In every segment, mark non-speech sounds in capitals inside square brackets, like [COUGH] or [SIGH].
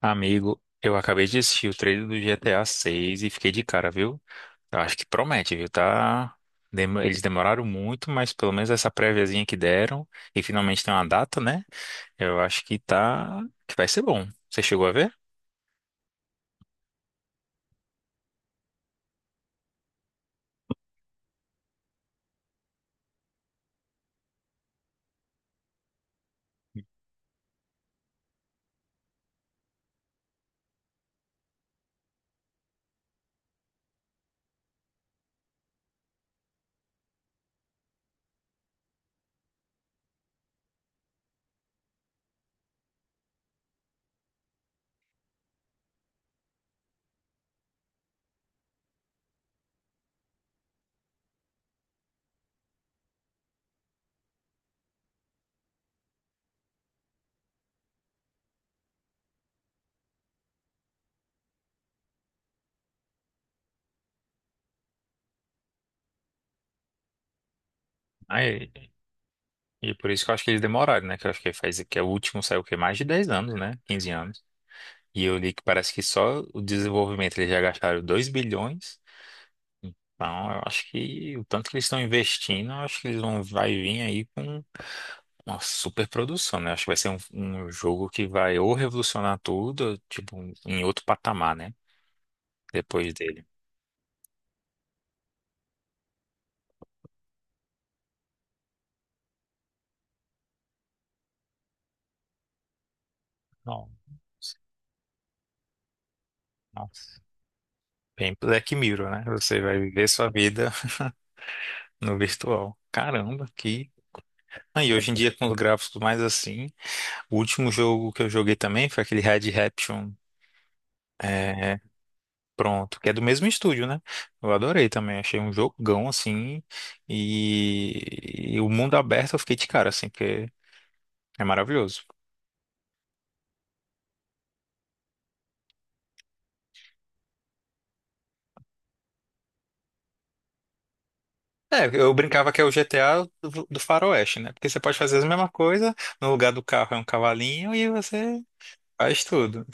Amigo, eu acabei de assistir o trailer do GTA 6 e fiquei de cara, viu? Eu acho que promete, viu? Eles demoraram muito, mas pelo menos essa préviazinha que deram e finalmente tem uma data, né? Eu acho que vai ser bom. Você chegou a ver? Aí, e por isso que eu acho que eles demoraram, né? Que eu acho que faz que é o último saiu o quê? Mais de 10 anos, né? 15 anos. E eu li que parece que só o desenvolvimento eles já gastaram 2 bilhões. Então, eu acho que o tanto que eles estão investindo, eu acho que eles vão vai vir aí com uma super produção, né? Acho que vai ser um jogo que vai ou revolucionar tudo, ou, tipo, em outro patamar, né? Depois dele. Nossa, nossa. Bem Black Mirror, né? Você vai viver sua vida [LAUGHS] no virtual. Caramba, que. Ah, e hoje em dia, com os gráficos mais assim, o último jogo que eu joguei também foi aquele Red Redemption. Pronto, que é do mesmo estúdio, né? Eu adorei também, achei um jogão assim. E o mundo aberto eu fiquei de cara, assim, porque é maravilhoso. É, eu brincava que é o GTA do Faroeste, né? Porque você pode fazer a mesma coisa, no lugar do carro é um cavalinho e você faz tudo.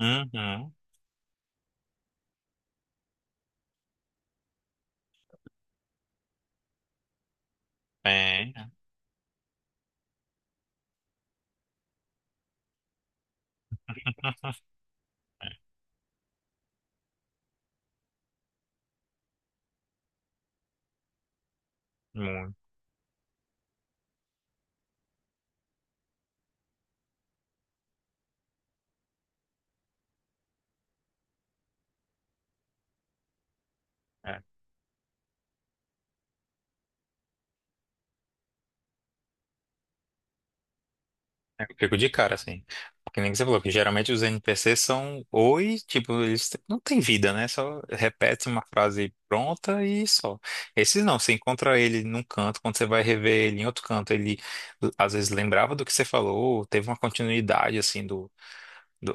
Uhum. É. [LAUGHS] Muito. É. É, eu fico de cara, assim. Porque nem que você falou, que geralmente os NPCs são oi, tipo, eles não têm vida, né? Só repete uma frase pronta e só. Esses não, você encontra ele num canto, quando você vai rever ele em outro canto, ele às vezes lembrava do que você falou, teve uma continuidade, assim, do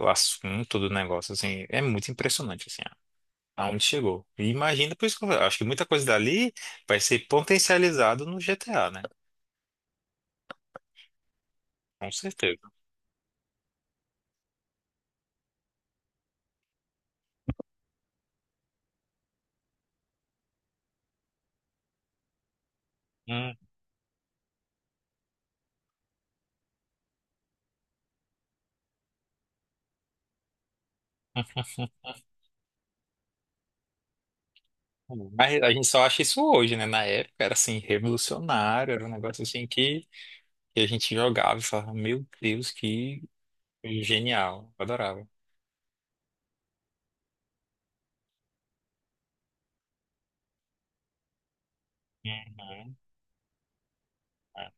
assunto do negócio, assim, é muito impressionante, assim, aonde chegou. E imagina, por isso que eu acho que muita coisa dali vai ser potencializado no GTA, né? Com certeza. Hum. Mas a gente só acha isso hoje, né? Na época era assim, revolucionário, era um negócio assim que, a gente jogava e falava, meu Deus, que genial, adorava. Uhum. É.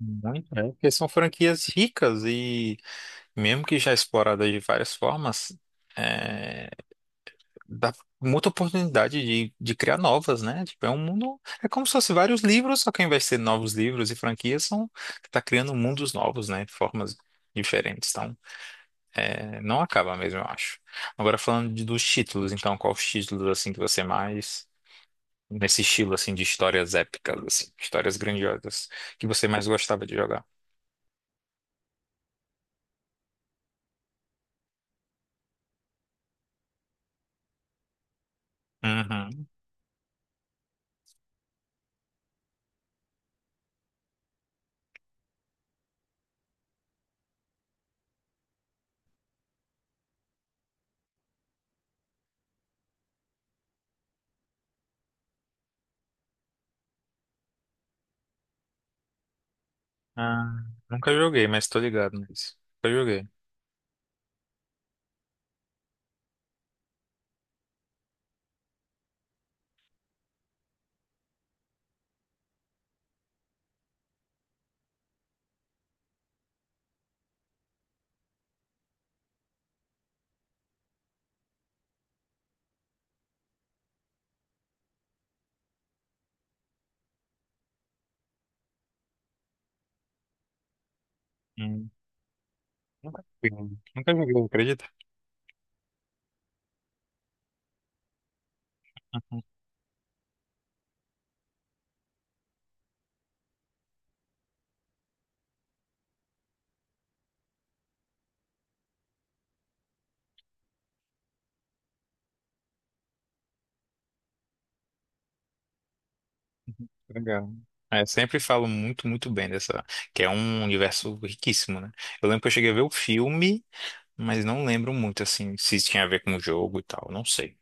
Muito, é, porque são franquias ricas e mesmo que já exploradas de várias formas, é, dá muita oportunidade de criar novas, né? Tipo, é um mundo. É como se fosse vários livros, só que ao invés de ser novos livros e franquias, são, tá criando mundos novos, né? De formas diferentes. Então, é, não acaba mesmo, eu acho. Agora, falando dos títulos, então, qual os títulos, assim, que você mais. Nesse estilo, assim, de histórias épicas, assim, histórias grandiosas, que você mais gostava de jogar? Uhum. Ah, nunca joguei, mas tô ligado nisso. Nunca joguei. Hum, Nunca joguei, nunca joguei, acredita? Legal. É, sempre falo muito, muito bem dessa, que é um universo riquíssimo, né? Eu lembro que eu cheguei a ver o filme, mas não lembro muito, assim, se tinha a ver com o jogo e tal, não sei.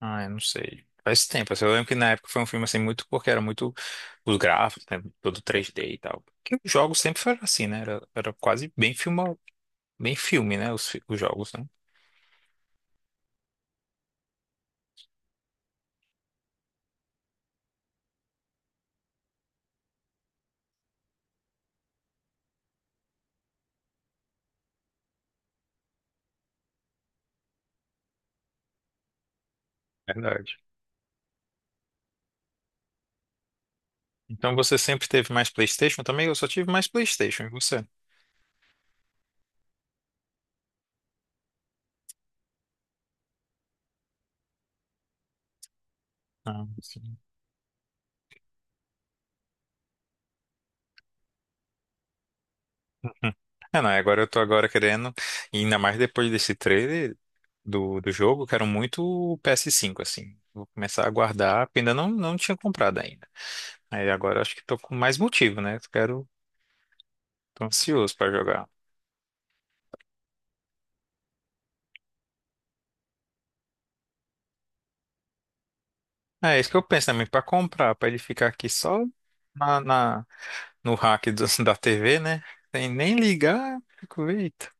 Ah, eu não sei. Faz tempo, assim, eu lembro que na época foi um filme, assim, muito porque era muito os gráficos, né? Todo 3D e tal. Porque os jogos sempre foram assim, né? Era quase bem filme, né? Os, os jogos, né? Verdade. Então você sempre teve mais PlayStation também? Eu só tive mais PlayStation, e você? Ah, sim. [LAUGHS] Hum. É, não, agora eu tô agora querendo, e ainda mais depois desse trailer do jogo, eu quero muito o PS5, assim. Vou começar a guardar, porque ainda não tinha comprado ainda. Aí agora eu acho que tô com mais motivo, né? Eu quero, tô ansioso pra jogar. É isso que eu penso também, pra comprar, pra ele ficar aqui só na, na- no rack [LAUGHS] da TV, né? Sem nem ligar, fico, eita.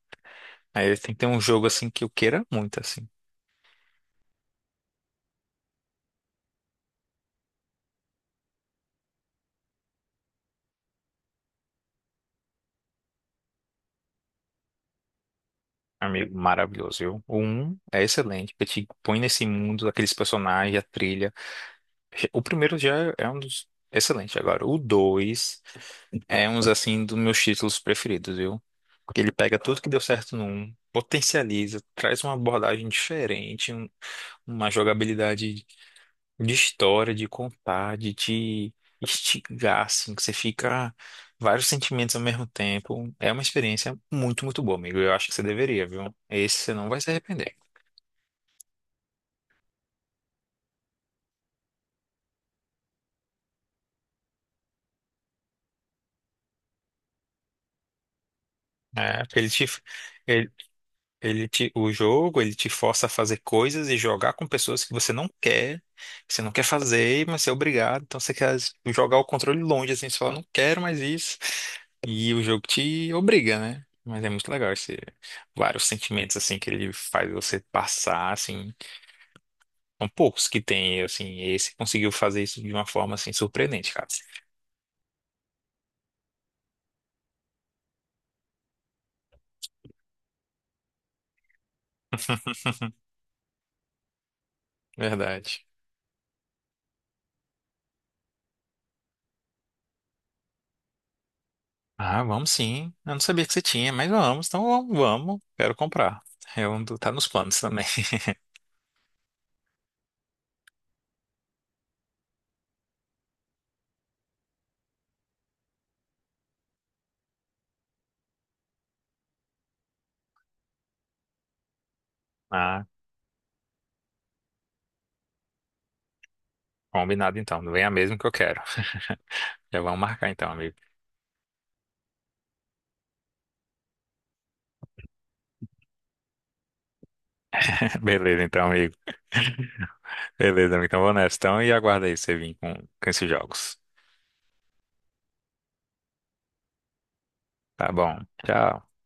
Aí tem que ter um jogo assim que eu queira muito, assim. Amigo, maravilhoso, viu? O um é excelente, porque te põe nesse mundo, aqueles personagens, a trilha. O primeiro já é um dos excelente agora. O 2 é um assim dos meus títulos preferidos, viu? Porque ele pega tudo que deu certo no um, potencializa, traz uma abordagem diferente, uma jogabilidade de história, de contar, de te instigar, assim, que você fica vários sentimentos ao mesmo tempo. É uma experiência muito, muito boa, amigo. Eu acho que você deveria, viu? Esse você não vai se arrepender. É, porque ele te, ele, ele te, o jogo, ele te força a fazer coisas e jogar com pessoas que você não quer, que você não quer fazer, mas você é obrigado. Então você quer jogar o controle longe, assim, você fala, não quero mais isso. E o jogo te obriga, né? Mas é muito legal esse, vários sentimentos, assim, que ele faz você passar, assim. São poucos que tem, assim, esse conseguiu fazer isso de uma forma, assim, surpreendente, cara. Verdade. Ah, vamos sim. Eu não sabia que você tinha, mas vamos, então vamos, vamos. Quero comprar. Eu, tá nos planos também. [LAUGHS] Ah, combinado então. Não vem a mesmo que eu quero. [LAUGHS] Já vamos marcar então, amigo. [LAUGHS] Beleza, então, amigo. [LAUGHS] Beleza, amigo. Então vou nessa. Então, e aguarda aí você vir com esses jogos. Tá bom. Tchau.